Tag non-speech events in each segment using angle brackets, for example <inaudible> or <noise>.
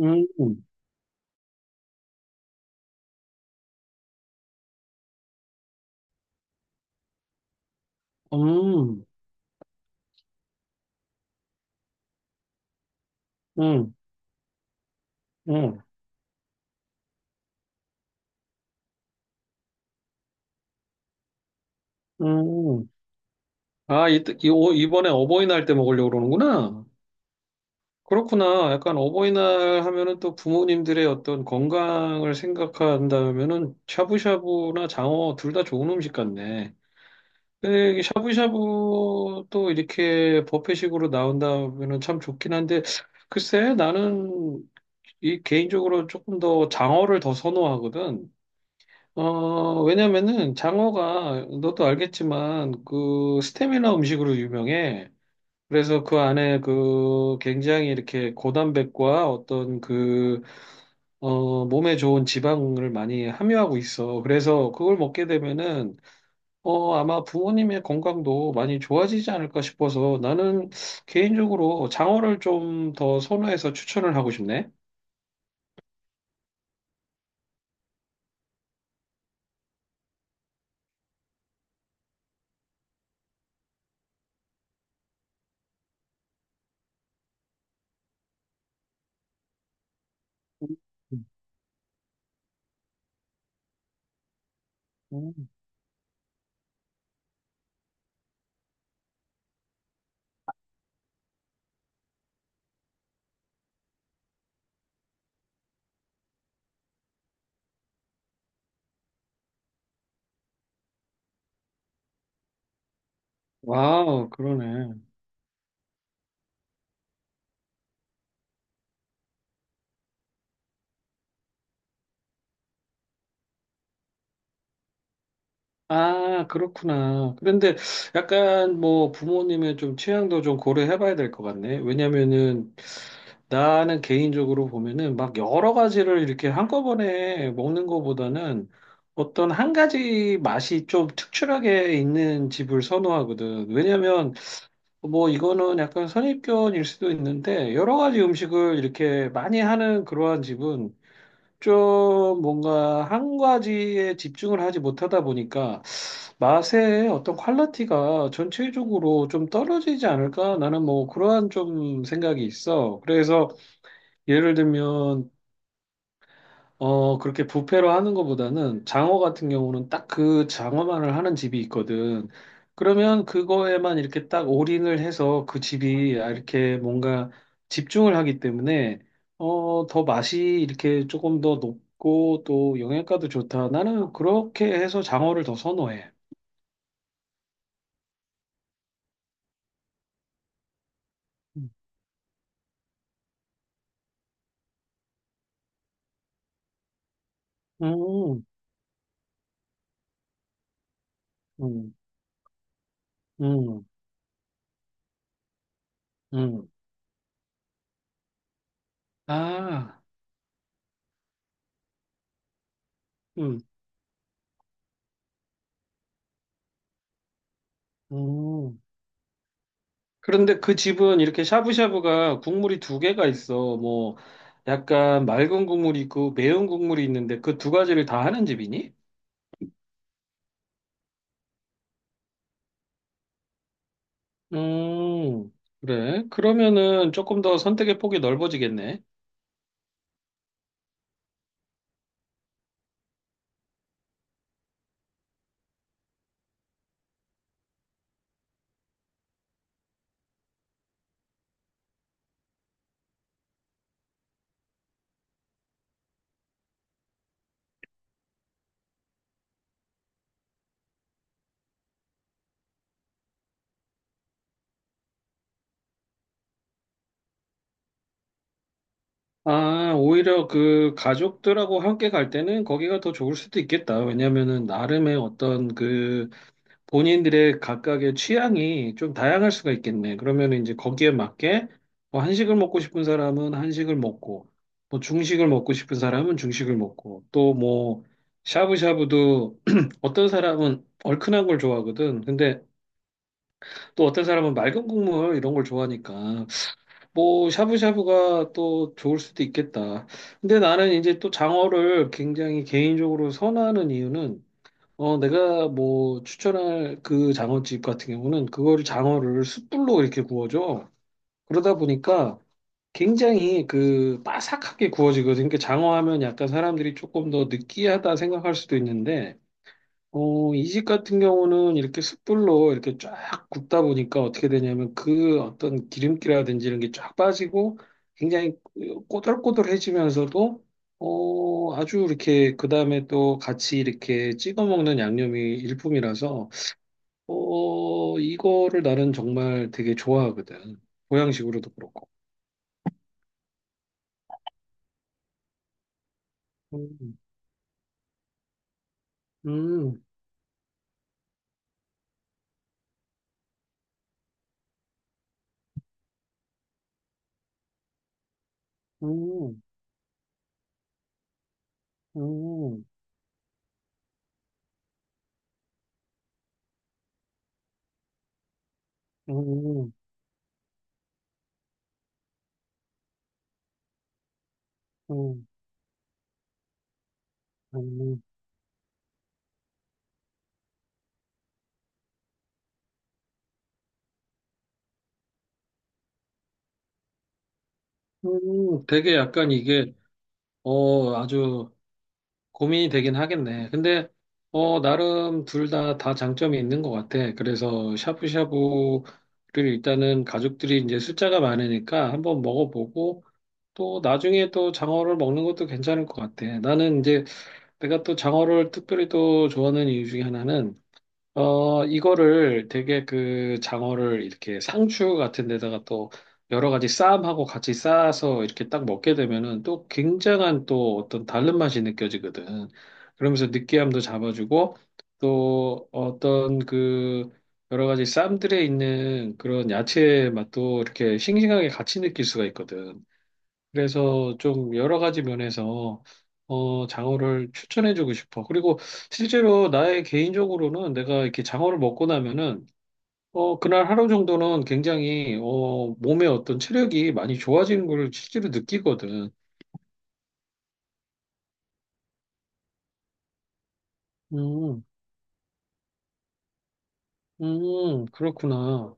음, 음, 음, 음, 음. 음. 아, 이번에 어버이날 때 먹으려고 그러는구나. 그렇구나. 약간 어버이날 하면은 또 부모님들의 어떤 건강을 생각한다면은 샤브샤브나 장어 둘 다 좋은 음식 같네. 근데 이게 샤브샤브도 이렇게 버페식으로 나온다면은 참 좋긴 한데, 글쎄, 나는 이 개인적으로 조금 더 장어를 더 선호하거든. 어, 왜냐면은 장어가 너도 알겠지만 그 스테미나 음식으로 유명해. 그래서 그 안에 그 굉장히 이렇게 고단백과 어떤 그, 어, 몸에 좋은 지방을 많이 함유하고 있어. 그래서 그걸 먹게 되면은, 어, 아마 부모님의 건강도 많이 좋아지지 않을까 싶어서 나는 개인적으로 장어를 좀 더 선호해서 추천을 하고 싶네. 음, 우 와, 그러네. 아, 그렇구나. 그런데 약간 뭐 부모님의 좀 취향도 좀 고려해 봐야 될 것 같네. 왜냐면은 나는 개인적으로 보면은 막 여러 가지를 이렇게 한꺼번에 먹는 것보다는 어떤 한 가지 맛이 좀 특출하게 있는 집을 선호하거든. 왜냐면 뭐 이거는 약간 선입견일 수도 있는데 여러 가지 음식을 이렇게 많이 하는 그러한 집은 좀 뭔가 한 가지에 집중을 하지 못하다 보니까 맛의 어떤 퀄리티가 전체적으로 좀 떨어지지 않을까? 나는 뭐 그러한 좀 생각이 있어. 그래서 예를 들면 어, 그렇게 부페로 하는 것보다는 장어 같은 경우는 딱 그 장어만을 하는 집이 있거든. 그러면 그거에만 이렇게 딱 올인을 해서 그 집이 이렇게 뭔가 집중을 하기 때문에 어, 더 맛이 이렇게 조금 더 높고 또 영양가도 좋다. 나는 그렇게 해서 장어를 더 선호해. 음, 음, 음, 음. 아, 음, 음. 그런데 그 집은 이렇게 샤브샤브가 국물이 두 개가 있어. 뭐 약간 맑은 국물이 있고 매운 국물이 있는데 그 두 가지를 다 하는 집이니? 음, 그래. 그러면은 조금 더 선택의 폭이 넓어지겠네. 아, 오히려 그 가족들하고 함께 갈 때는 거기가 더 좋을 수도 있겠다. 왜냐면은 나름의 어떤 그 본인들의 각각의 취향이 좀 다양할 수가 있겠네. 그러면 이제 거기에 맞게 뭐 한식을 먹고 싶은 사람은 한식을 먹고, 뭐 중식을 먹고 싶은 사람은 중식을 먹고, 또 뭐 샤브샤브도 <clears throat> 어떤 사람은 얼큰한 걸 좋아하거든. 근데 또 어떤 사람은 맑은 국물 이런 걸 좋아하니까 뭐 샤브샤브가 또 좋을 수도 있겠다. 근데 나는 이제 또 장어를 굉장히 개인적으로 선호하는 이유는 어, 내가 뭐 추천할 그 장어집 같은 경우는 그거를 장어를 숯불로 이렇게 구워줘. 그러다 보니까 굉장히 그 바삭하게 구워지거든. 그러니까 장어 하면 약간 사람들이 조금 더 느끼하다 생각할 수도 있는데 어, 이식 같은 경우는 이렇게 숯불로 이렇게 쫙 굽다 보니까 어떻게 되냐면 그 어떤 기름기라든지 이런 게 쫙 빠지고 굉장히 꼬들꼬들해지면서도 어, 아주 이렇게 그 다음에 또 같이 이렇게 찍어 먹는 양념이 일품이라서 어, 이거를 나는 정말 되게 좋아하거든. 보양식으로도 그렇고. 음, 음, 음, 음, 음, 음, 음, 음. 음. 되게 약간 이게 어, 아주 고민이 되긴 하겠네. 근데, 어, 나름 둘 다 장점이 있는 것 같아. 그래서 샤브샤브를 일단은 가족들이 이제 숫자가 많으니까 한번 먹어보고 또 나중에 또 장어를 먹는 것도 괜찮을 것 같아. 나는 이제 내가 또 장어를 특별히 또 좋아하는 이유 중에 하나는 어, 이거를 되게 그 장어를 이렇게 상추 같은 데다가 또 여러 가지 쌈하고 같이 싸서 이렇게 딱 먹게 되면은 또 굉장한 또 어떤 다른 맛이 느껴지거든. 그러면서 느끼함도 잡아주고 또 어떤 그 여러 가지 쌈들에 있는 그런 야채 맛도 이렇게 싱싱하게 같이 느낄 수가 있거든. 그래서 좀 여러 가지 면에서 어, 장어를 추천해주고 싶어. 그리고 실제로 나의 개인적으로는 내가 이렇게 장어를 먹고 나면은 어, 그날 하루 정도는 굉장히 어, 몸의 어떤 체력이 많이 좋아지는 걸 실제로 느끼거든. 음, 그렇구나.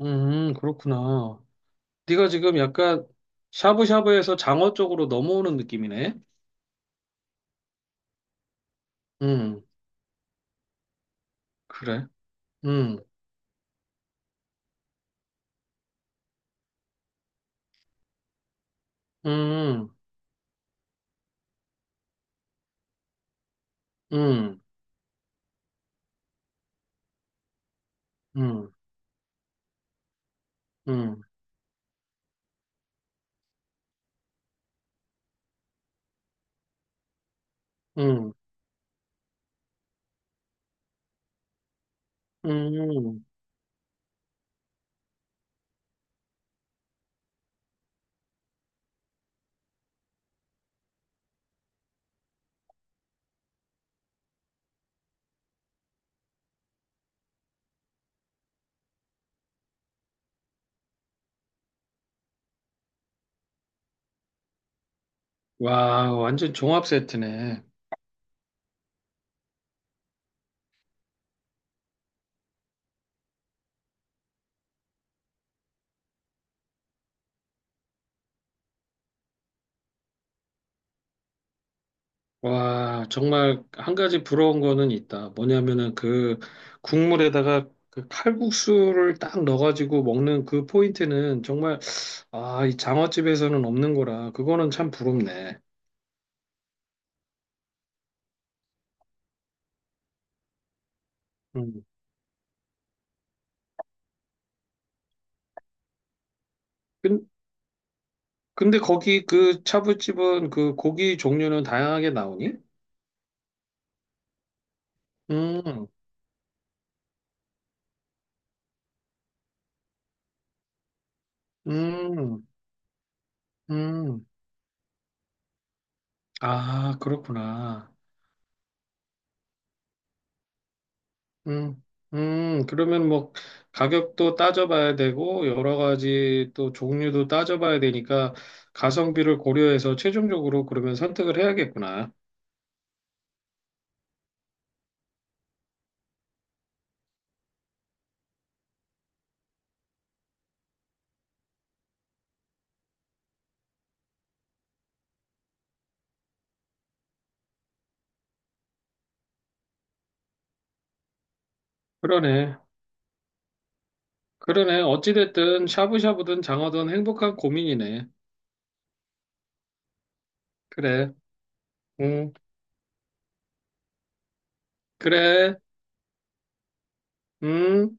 그렇구나. 네가 지금 약간 샤브샤브에서 장어 쪽으로 넘어오는 느낌이네. 음, 그래. 음, 음, 음, 음, 음, 음. 음, 와, 완전 종합 세트네. 와, 정말 한 가지 부러운 거는 있다. 뭐냐면은 그 국물에다가 그 칼국수를 딱 넣어가지고 먹는 그 포인트는 정말, 아, 이 장어집에서는 없는 거라. 그거는 참 부럽네. 음. 근- 근데 거기 그 차부집은 그 고기 종류는 다양하게 나오니? 음, 음, 음. 아, 그렇구나. 음, 그러면 뭐 가격도 따져봐야 되고 여러 가지 또 종류도 따져봐야 되니까 가성비를 고려해서 최종적으로 그러면 선택을 해야겠구나. 그러네. 그러네. 어찌됐든 샤브샤브든 장어든 행복한 고민이네. 그래. 음, 그래. 음.